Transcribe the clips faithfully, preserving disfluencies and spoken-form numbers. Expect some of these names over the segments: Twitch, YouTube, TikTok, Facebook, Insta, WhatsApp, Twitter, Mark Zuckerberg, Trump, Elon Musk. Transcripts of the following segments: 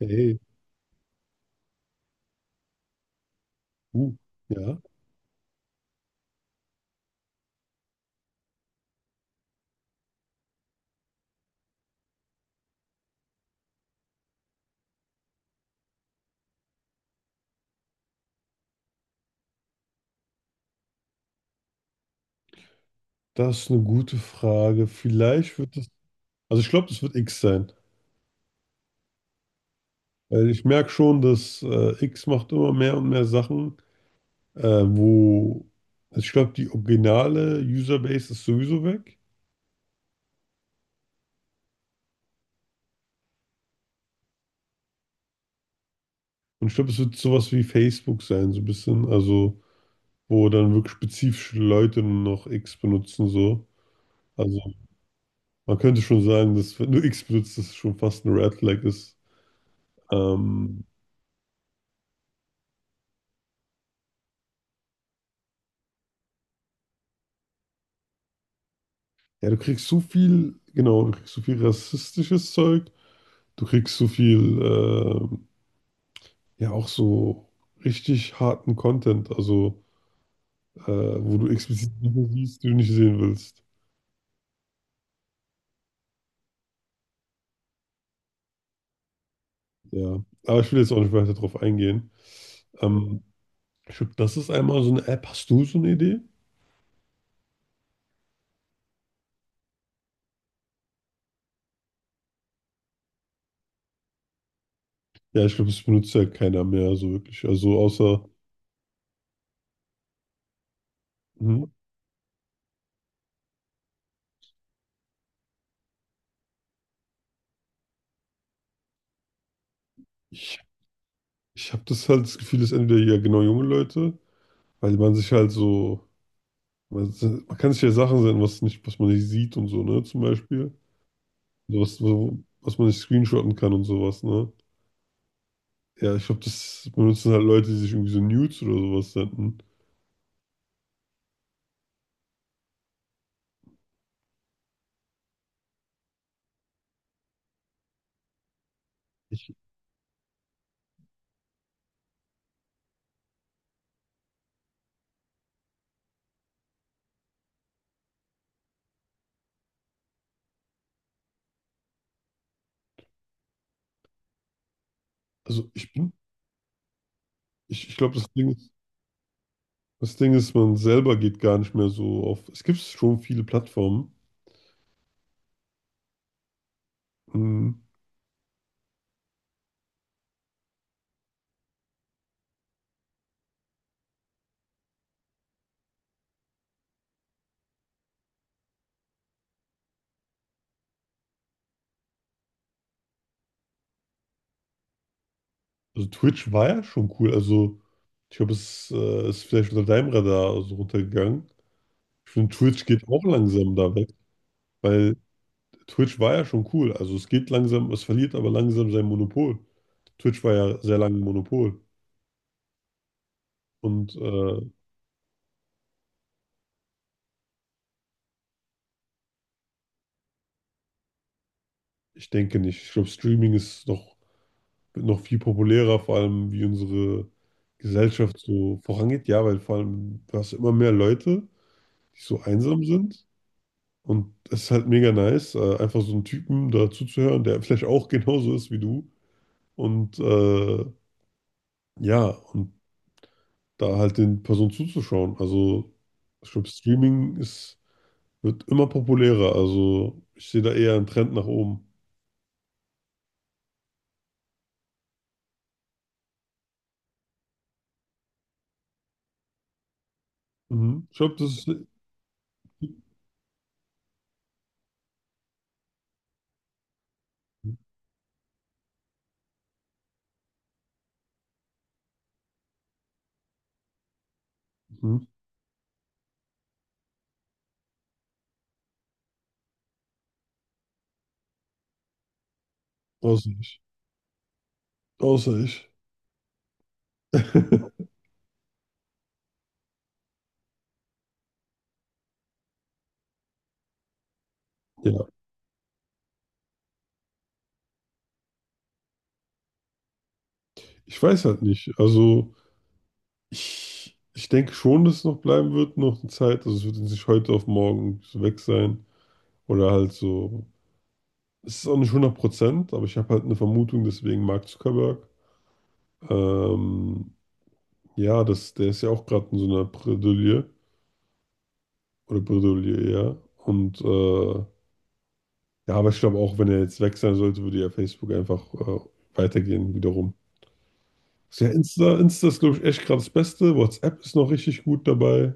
Hey, uh, ja, das ist eine gute Frage. Vielleicht wird es, also ich glaube, das wird X sein. Weil ich merke schon, dass äh, X macht immer mehr und mehr Sachen, äh, wo, also ich glaube, die originale Userbase ist sowieso weg. Und ich glaube, es wird sowas wie Facebook sein, so ein bisschen, also wo dann wirklich spezifische Leute nur noch X benutzen, so. Also man könnte schon sagen, dass wenn du X benutzt, das schon fast ein Red Flag ist. Ähm, Ja, du kriegst so viel, genau, du kriegst so viel rassistisches Zeug, du kriegst so viel, ähm, ja, auch so richtig harten Content, also äh, wo du explizit Dinge siehst, die du nicht sehen willst. Ja, aber ich will jetzt auch nicht weiter drauf eingehen. Ähm, ich glaube, das ist einmal so eine App. Hast du so eine Idee? Ja, ich glaube, das benutzt ja keiner mehr so wirklich. Also außer, hm, ich, ich habe das halt das Gefühl, dass entweder ja genau junge Leute, weil man sich halt so Man, man kann sich ja Sachen senden, was nicht, was man nicht sieht und so, ne? Zum Beispiel. So was, so, was man nicht screenshotten kann und sowas, ne? Ja, ich glaube, das benutzen halt Leute, die sich irgendwie so Nudes oder sowas senden. Ich, also ich bin, ich, ich glaube, das Ding ist, das Ding ist, man selber geht gar nicht mehr so auf. Es gibt schon viele Plattformen. Mhm. Also Twitch war ja schon cool. Also ich glaube, es äh, ist vielleicht unter deinem Radar so runtergegangen. Ich finde, Twitch geht auch langsam da weg, weil Twitch war ja schon cool. Also es geht langsam, es verliert aber langsam sein Monopol. Twitch war ja sehr lange ein Monopol. Und äh, ich denke nicht. Ich glaube, Streaming ist noch, wird noch viel populärer, vor allem wie unsere Gesellschaft so vorangeht. Ja, weil vor allem du hast immer mehr Leute, die so einsam sind. Und es ist halt mega nice, äh, einfach so einen Typen da zuzuhören, der vielleicht auch genauso ist wie du. Und äh, ja, und da halt den Personen zuzuschauen. Also ich glaube, Streaming ist Wird immer populärer, also ich sehe da eher einen Trend nach oben. Mhm. Ich glaube, das ist. Mhm. Außer ich. Außer ich. Ja, ich weiß halt nicht. Also ich, ich denke schon, dass es noch bleiben wird, noch eine Zeit. Also es wird jetzt nicht heute auf morgen so weg sein. Oder halt so. Es ist auch nicht hundert Prozent, aber ich habe halt eine Vermutung, deswegen Mark Zuckerberg. Ähm, ja, das, der ist ja auch gerade in so einer Bredouille. Oder Bredouille, ja. Und äh, Ja, aber ich glaube auch, wenn er jetzt weg sein sollte, würde ja Facebook einfach äh, weitergehen wiederum. Also ja, Insta, Insta ist, glaube ich, echt gerade das Beste. WhatsApp ist noch richtig gut dabei.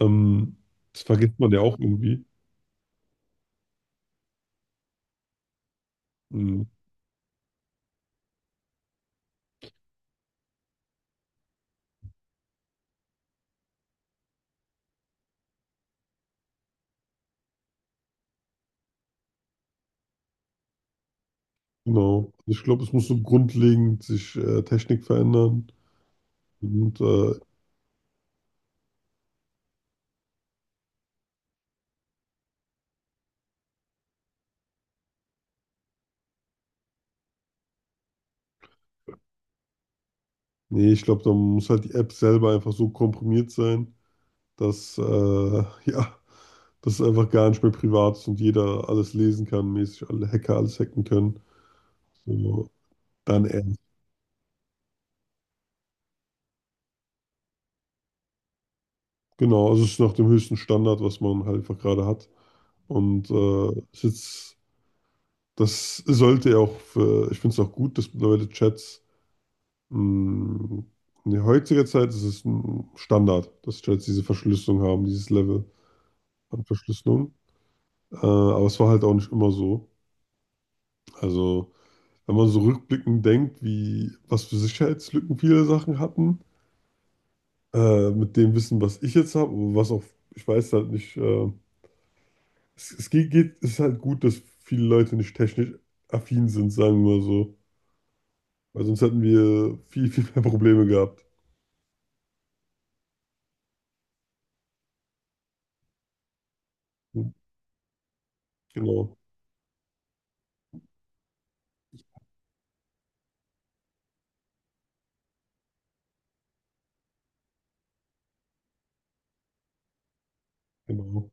Ähm, das vergisst man ja auch irgendwie. Mhm, genau. Also Ich glaube, es muss so grundlegend sich äh, Technik verändern. Und äh, nee, ich glaube, da muss halt die App selber einfach so komprimiert sein, dass äh, ja, dass es einfach gar nicht mehr privat ist und jeder alles lesen kann, mäßig alle Hacker alles hacken können. So, dann eher. Genau, also es ist nach dem höchsten Standard, was man halt einfach gerade hat. Und äh, es ist jetzt, das sollte ja auch für, ich finde es auch gut, dass mittlerweile Chats mh, in der heutigen Zeit ist es ein Standard, dass Chats diese Verschlüsselung haben, dieses Level an Verschlüsselung. Äh, aber es war halt auch nicht immer so. Also, wenn man so rückblickend denkt, wie was für Sicherheitslücken viele Sachen hatten, äh, mit dem Wissen, was ich jetzt habe, was auch, ich weiß halt nicht, äh, Es, es geht, geht, es ist halt gut, dass viele Leute nicht technisch affin sind, sagen wir mal so. Weil sonst hätten wir viel, viel mehr Probleme gehabt. Genau, genau,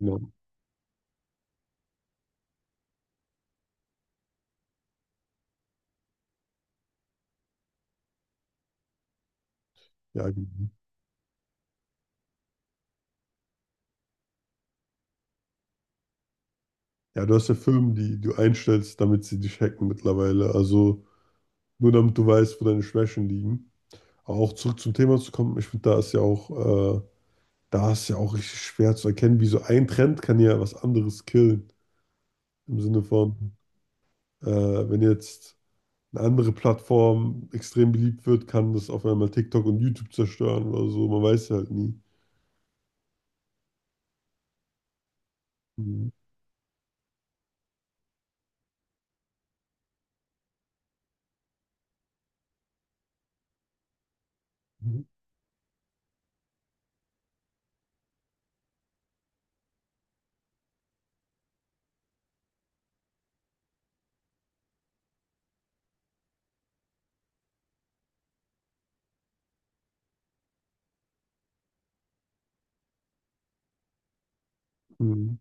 genau. Ja, genau. Ja, du hast ja Firmen, die du einstellst, damit sie dich hacken mittlerweile. Also nur damit du weißt, wo deine Schwächen liegen. Aber auch zurück zum Thema zu kommen, ich finde, da ist ja auch, äh, da ist ja auch richtig schwer zu erkennen, wie so ein Trend kann ja was anderes killen. Im Sinne von, äh, wenn jetzt eine andere Plattform extrem beliebt wird, kann das auf einmal TikTok und YouTube zerstören oder so. Man weiß halt nie. Mhm. Mhm.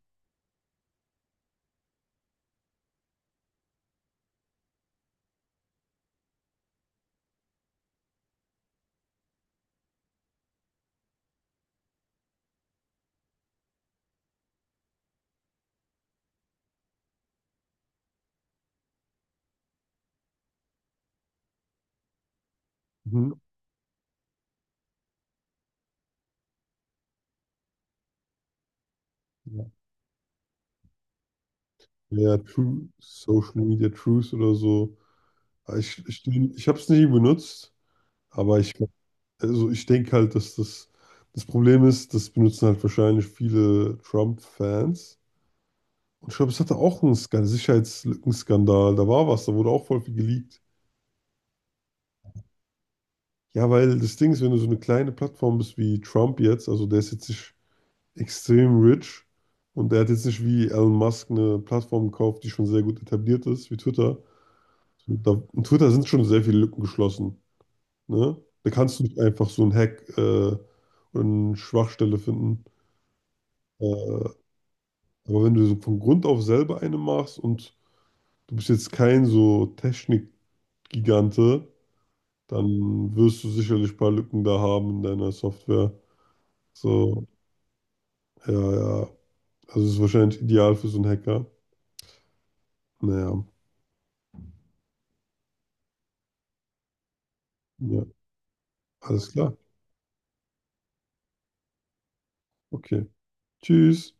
Mhm. Ja, Ja, True, Social Media Truth oder so. Aber Ich, ich, ich habe es nie benutzt, aber ich, glaub- also ich denke halt, dass das, das Problem ist, das benutzen halt wahrscheinlich viele Trump-Fans. Und ich glaube, es hatte auch einen Skandal, Sicherheitslückenskandal, da war was, da wurde auch voll viel geleakt. Ja, weil das Ding ist, wenn du so eine kleine Plattform bist wie Trump jetzt, also der ist jetzt nicht extrem rich und er hat jetzt nicht wie Elon Musk eine Plattform gekauft, die schon sehr gut etabliert ist, wie Twitter. Da, in Twitter sind schon sehr viele Lücken geschlossen. Ne? Da kannst du nicht einfach so einen Hack äh, oder eine Schwachstelle finden. Äh, aber wenn du so von Grund auf selber eine machst und du bist jetzt kein so Technikgigante, dann wirst du sicherlich ein paar Lücken da haben in deiner Software. So, ja, ja. Also es ist wahrscheinlich ideal für so einen Hacker. Naja, ja, alles klar. Okay. Tschüss.